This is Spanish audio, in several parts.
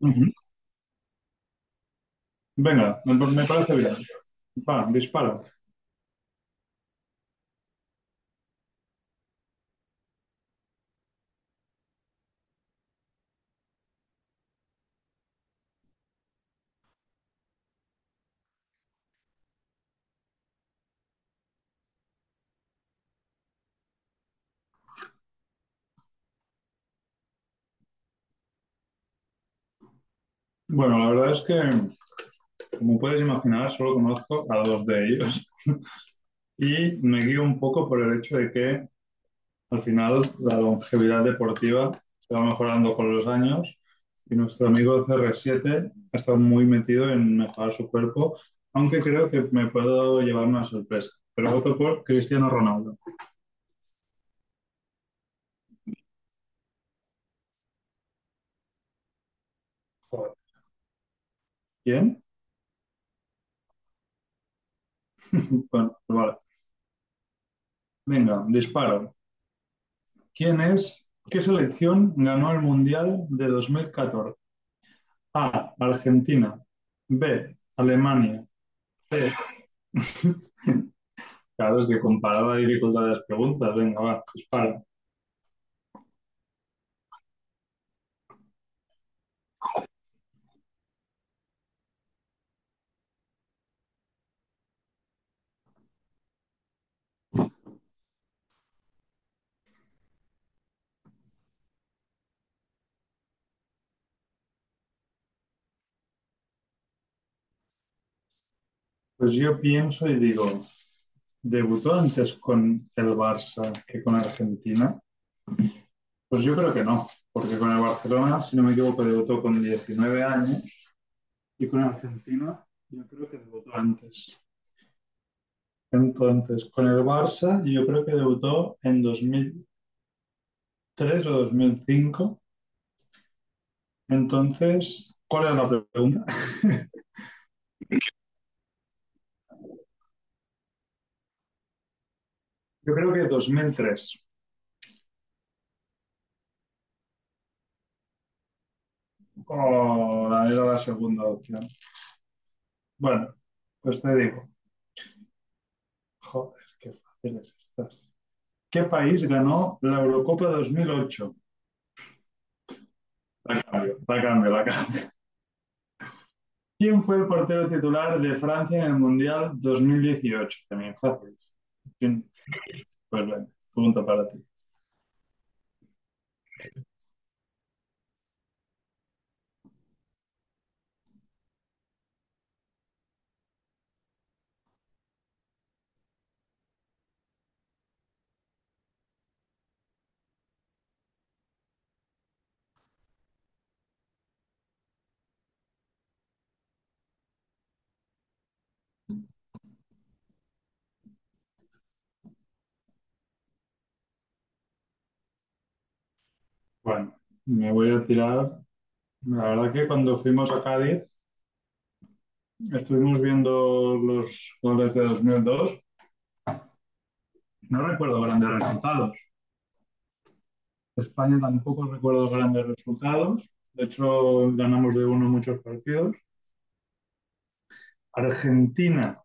Ujú. Venga, me parece bien. Va, dispara. Bueno, la verdad es que, como puedes imaginar, solo conozco a dos de ellos y me guío un poco por el hecho de que al final la longevidad deportiva se va mejorando con los años y nuestro amigo CR7 ha estado muy metido en mejorar su cuerpo, aunque creo que me puedo llevar una sorpresa. Pero voto por Cristiano Ronaldo. Joder, ¿quién? Bueno, pues vale. Venga, disparo. ¿Quién es? ¿Qué selección ganó el Mundial de 2014? A. Argentina. B. Alemania. C. Claro, es que comparaba la dificultad de las preguntas. Venga, va, dispara. Pues yo pienso y digo, ¿debutó antes con el Barça que con Argentina? Pues yo creo que no, porque con el Barcelona, si no me equivoco, debutó con 19 años y con Argentina yo creo que debutó antes. Entonces, con el Barça yo creo que debutó en 2003 o 2005. Entonces, ¿cuál era la pregunta? Yo creo que 2003. O la era la segunda opción. Bueno, pues te digo, joder, qué fáciles estás. ¿Qué país ganó la Eurocopa 2008? La cambio, la cambio, la cambio. ¿Quién fue el portero titular de Francia en el Mundial 2018? También fácil. Pues bueno, pregunta para ti. Bueno, me voy a tirar. La verdad que cuando fuimos a Cádiz estuvimos viendo los goles de 2002. No recuerdo grandes resultados. España tampoco recuerdo grandes resultados. De hecho, ganamos de uno muchos partidos. Argentina,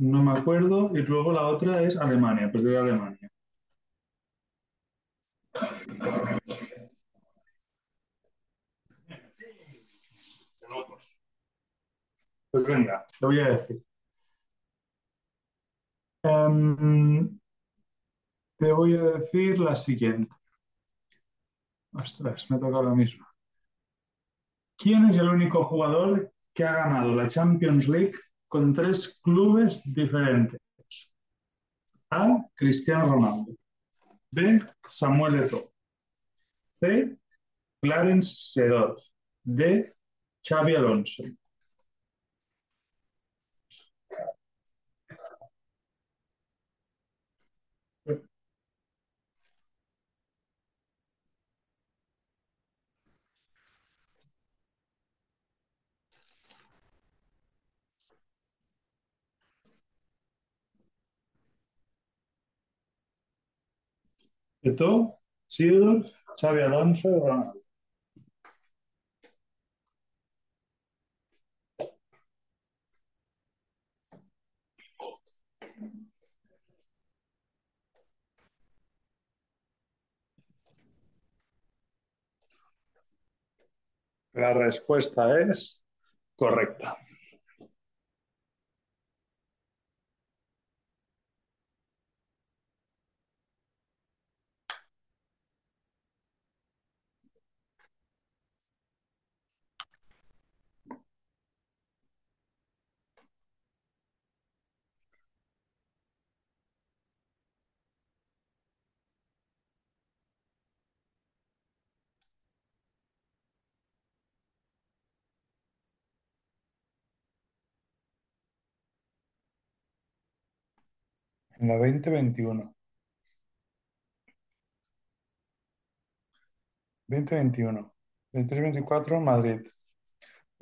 no me acuerdo. Y luego la otra es Alemania, pues de Alemania. Pues venga, te voy a decir. Em, Te voy a decir la siguiente. Ostras, me toca la misma. ¿Quién es el único jugador que ha ganado la Champions League con tres clubes diferentes? A. Cristiano Ronaldo. B. Samuel Eto'o. C. Clarence Seedorf. D. Xavi Alonso. Eto'o, Seedorf, Xavi Alonso, Ronaldo. La respuesta es correcta. En la veinte veintiuno, veinte veintiuno, veintitrés veinticuatro Madrid,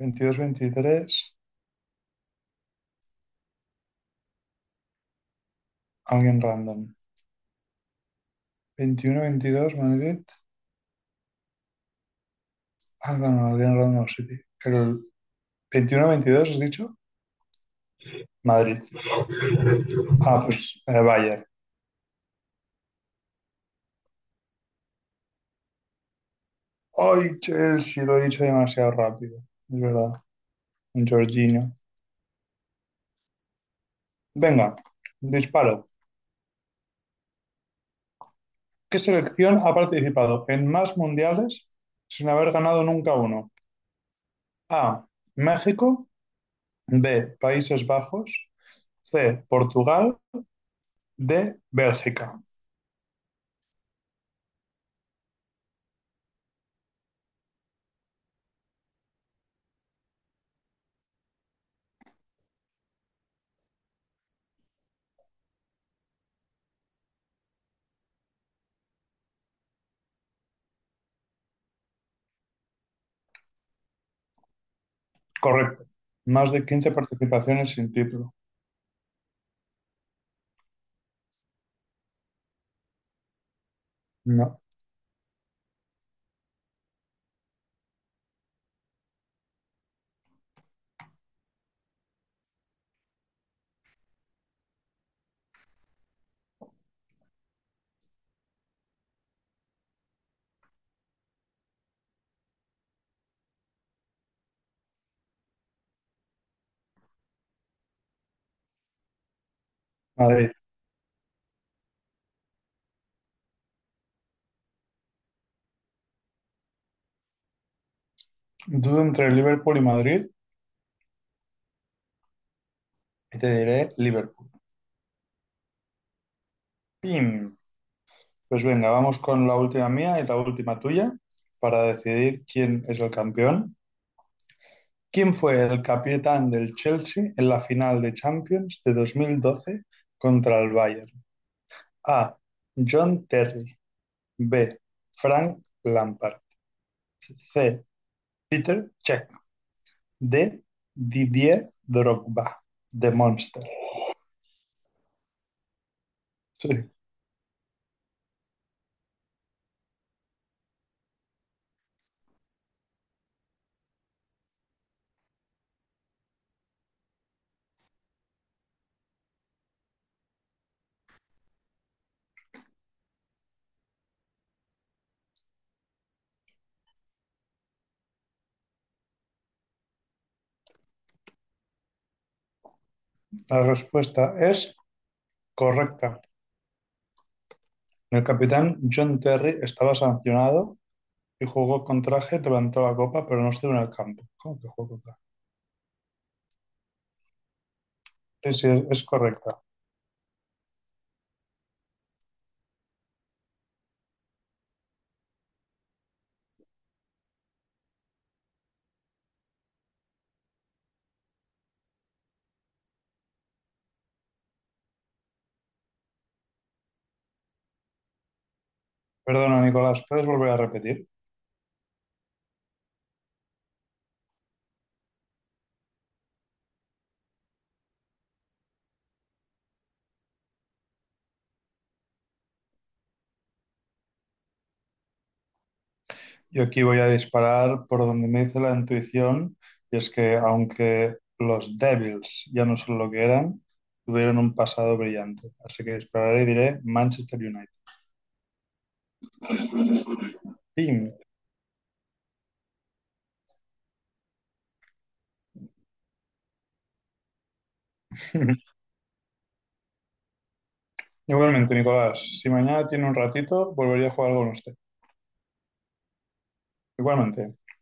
veintidós veintitrés alguien random, veintiuno veintidós Madrid, ah, no, no, alguien random no, City. El veintiuno veintidós has dicho Madrid. Ah, pues vaya. Ay, Chelsea, lo he dicho demasiado rápido. Es verdad, un Jorginho. Venga, disparo. ¿Qué selección ha participado en más mundiales sin haber ganado nunca uno? A. México. B. Países Bajos. C. Portugal. D. Bélgica. Correcto. Más de 15 participaciones sin título. No. Madrid. Dudo entre Liverpool y Madrid y te diré Liverpool. Pim. Pues venga, vamos con la última mía y la última tuya para decidir quién es el campeón. ¿Quién fue el capitán del Chelsea en la final de Champions de 2012 contra el Bayern? A. John Terry. B. Frank Lampard. C. Peter Cech. D. Didier Drogba. The Monster. Sí, la respuesta es correcta. El capitán John Terry estaba sancionado y jugó con traje, levantó la copa, pero no estuvo en el campo. ¿Cómo que jugó con traje? Sí, sí, es correcta. Perdona, Nicolás, ¿puedes volver a repetir? Yo aquí voy a disparar por donde me dice la intuición, y es que aunque los Devils ya no son lo que eran, tuvieron un pasado brillante. Así que dispararé y diré Manchester United. ¡Pim! Igualmente, Nicolás, si mañana tiene un ratito, volvería a jugar con usted. Igualmente.